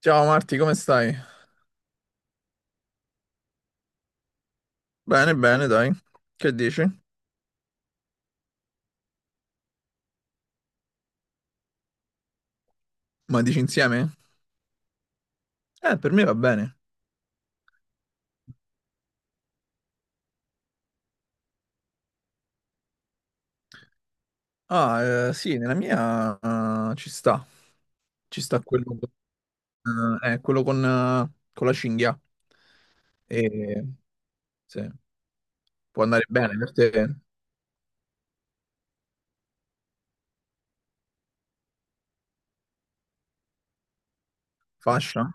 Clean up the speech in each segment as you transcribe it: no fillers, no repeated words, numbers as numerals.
Ciao Marti, come stai? Bene, bene, dai. Che dici? Ma dici insieme? Per me va bene. Ah, sì, nella mia ci sta. Ci sta quello, quello con la cinghia. E, sì, può andare bene per te. Fascia?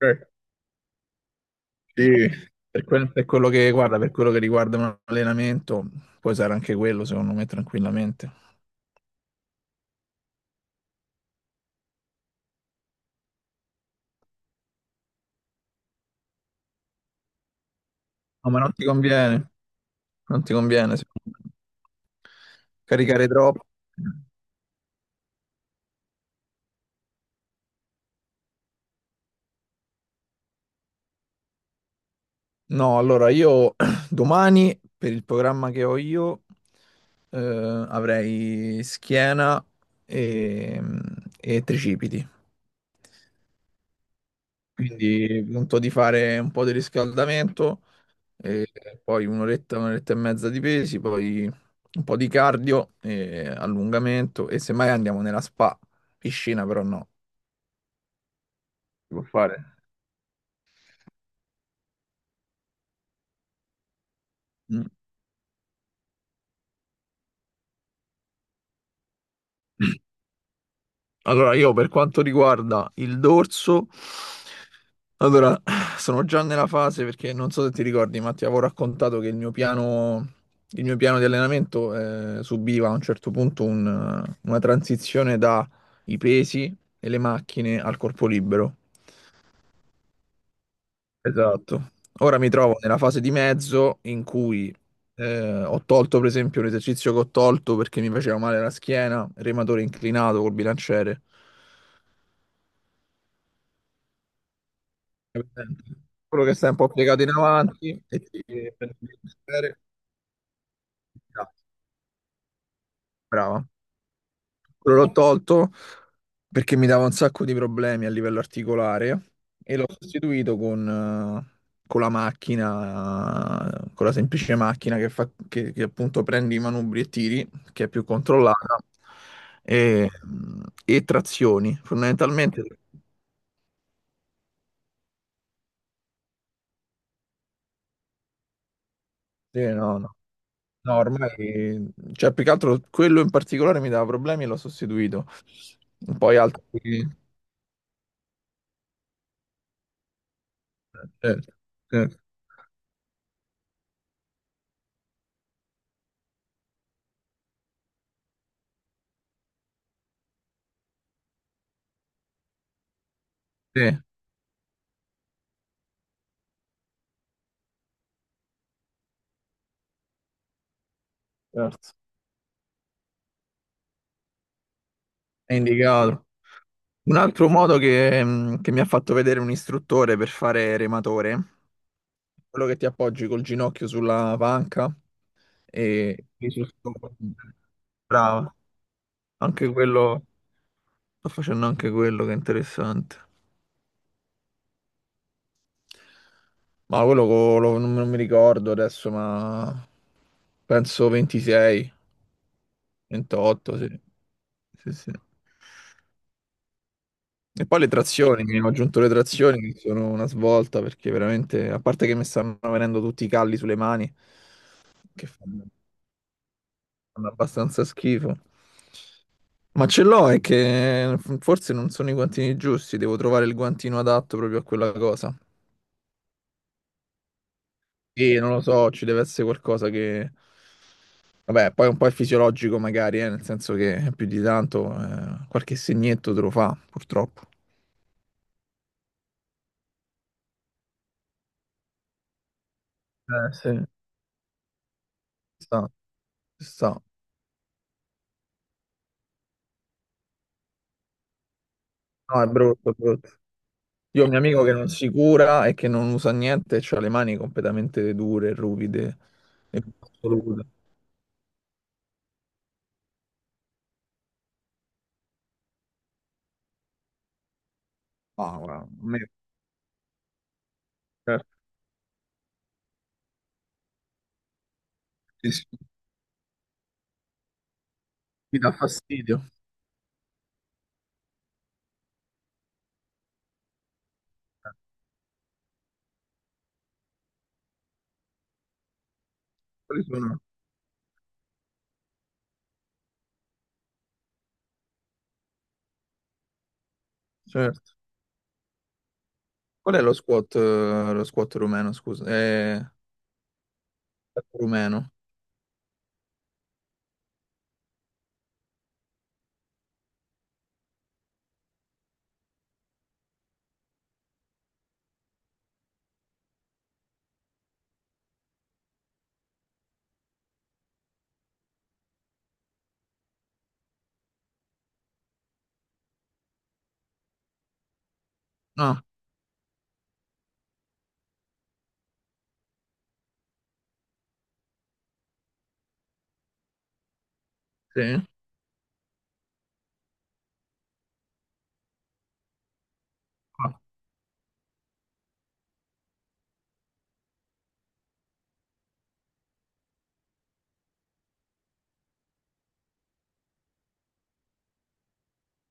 Eh, Sì. Per, per quello che guarda, per quello che riguarda un allenamento, puoi usare anche quello, secondo me, tranquillamente. No, ma non ti conviene. Non ti conviene, secondo me. Caricare troppo. No, allora io domani per il programma che ho io eh, avrei schiena e, e tricipiti. Quindi punto di fare un po' di riscaldamento e poi un'oretta, un'oretta e mezza di pesi, poi un po' di cardio e allungamento e semmai andiamo nella spa, piscina però no, si può fare. Mm. Allora, io per quanto riguarda il dorso, allora sono già nella fase perché non so se ti ricordi, ma ti avevo raccontato che il mio piano di allenamento subiva a un certo punto una transizione dai pesi e le macchine al corpo libero. Esatto. Ora mi trovo nella fase di mezzo in cui ho tolto, per esempio, un esercizio che ho tolto perché mi faceva male la schiena, rematore inclinato col bilanciere. Quello che stai un po' piegato in avanti e ti prendi il bicchiere. Ah, brava. Quello l'ho tolto perché mi dava un sacco di problemi a livello articolare e l'ho sostituito con la macchina, con la semplice macchina che appunto prendi i manubri e tiri, che è più controllata, e, e trazioni. Fondamentalmente, sì, no, no. No, ormai, cioè, più che altro quello in particolare mi dava problemi e l'ho sostituito. Poi altri... Certo, certo, sì, certo. È indicato. Un altro modo che mi ha fatto vedere un istruttore per fare rematore, quello che ti appoggi col ginocchio sulla panca e sopra. Brava, anche quello, sto facendo anche quello che è interessante. Ma quello co- lo- non, non mi ricordo adesso, ma penso 26, 28, sì. Sì, sì. E poi le trazioni, che ho aggiunto le trazioni, che sono una svolta perché veramente, a parte che mi stanno venendo tutti i calli sulle mani, che fanno, fanno abbastanza schifo. Ma ce l'ho, è che forse non sono i guantini giusti, devo trovare il guantino adatto proprio a quella cosa. E non lo so, ci deve essere qualcosa che... Vabbè, poi un po' è fisiologico magari, nel senso che più di tanto qualche segnetto te lo fa, purtroppo. Sì, ci sta, ci sta. No, è brutto, è brutto. Io ho un mio amico che non si cura e che non usa niente, e ha le mani completamente dure, ruvide e assolute. Ah, guarda, a me certo, sì, sì, mi dà fastidio. Eh, Quali sono? Certo. Qual è lo squat rumeno, scusa? Rumeno. Ah, sì.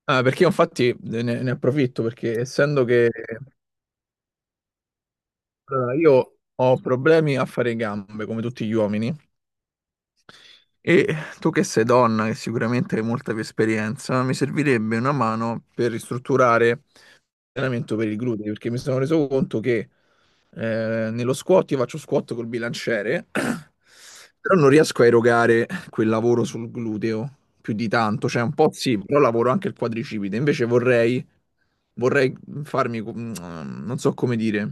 Ah, perché io infatti ne approfitto perché essendo che allora, io ho problemi a fare gambe come tutti gli uomini e tu che sei donna che sicuramente hai molta più esperienza, mi servirebbe una mano per ristrutturare allenamento per il glutine perché mi sono reso conto che nello squat io faccio squat col bilanciere, però non riesco a erogare quel lavoro sul gluteo più di tanto, cioè un po' sì, però lavoro anche il quadricipite, invece vorrei farmi, non so come dire,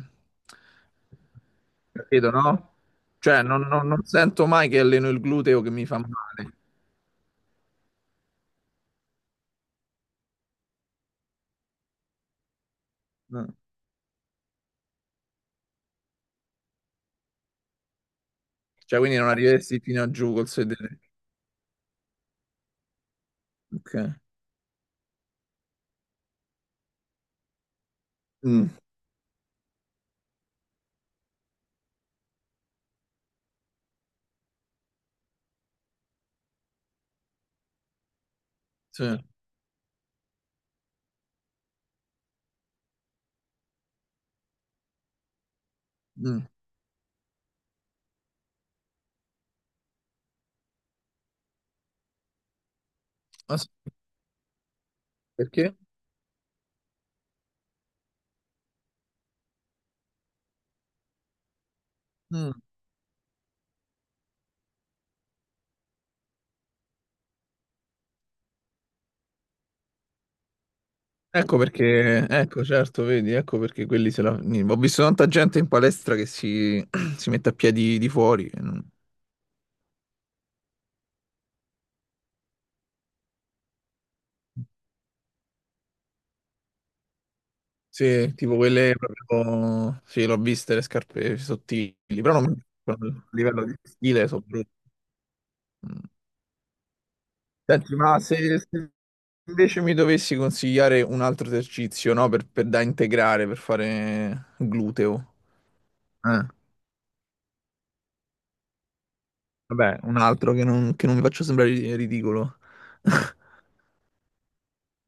capito, no? Cioè non sento mai che alleno il gluteo che mi fa male, no? Cioè quindi non arriveresti fino a giù col sedere. Ok. Mm. Sì. Mm. Perché? Mm. Ecco perché, ecco certo, vedi, ecco perché quelli se la... ni- Ho visto tanta gente in palestra che si, si mette a piedi di fuori, sì, tipo quelle proprio... Sì, l'ho viste le scarpe sottili, però non piacciono, a livello di stile sono brutte. Mm. Senti, ma se invece mi dovessi consigliare un altro esercizio, no, da integrare, per fare gluteo, eh, vabbè, un altro che non mi faccio sembrare ridicolo.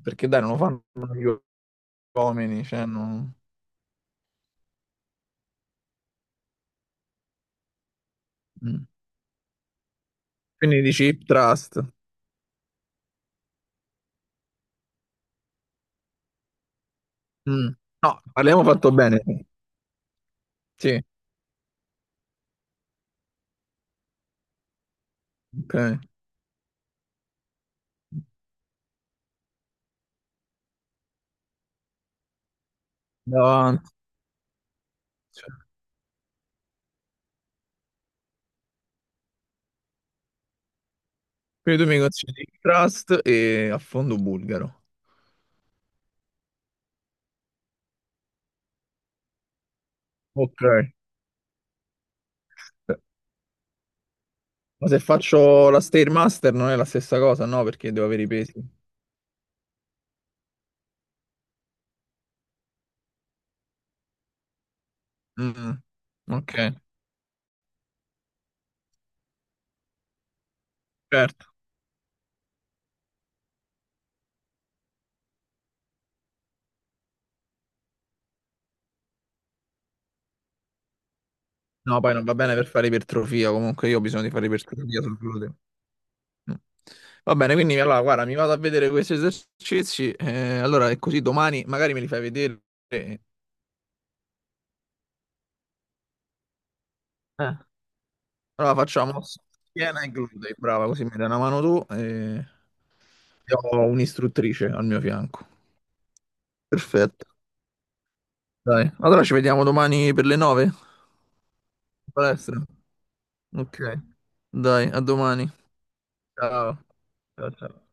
Perché dai, non lo fanno gli uomini, cioè non... Mm. Quindi dici hip trust. Mm. No, abbiamo fatto bene. Sì, ok. Andiamo avanti. Cioè, quindi tu mi consigli hip trust e a fondo bulgaro. Ok. Ma se faccio la Stairmaster non è la stessa cosa, no? Perché devo avere i pesi. Mm. Ok, certo. No, poi non va bene per fare ipertrofia, comunque io ho bisogno di fare ipertrofia sul gluteo. Mm. Va bene, quindi allora guarda, mi vado a vedere questi esercizi, allora è così domani magari me li fai vedere. Eh, Eh. Allora facciamo ossa, schiena e glutei, brava, così mi dai una mano tu e io ho un'istruttrice al mio fianco. Perfetto. Dai, allora ci vediamo domani per le 9 in palestra. Ok, dai, a domani. Ciao. Ciao, ciao.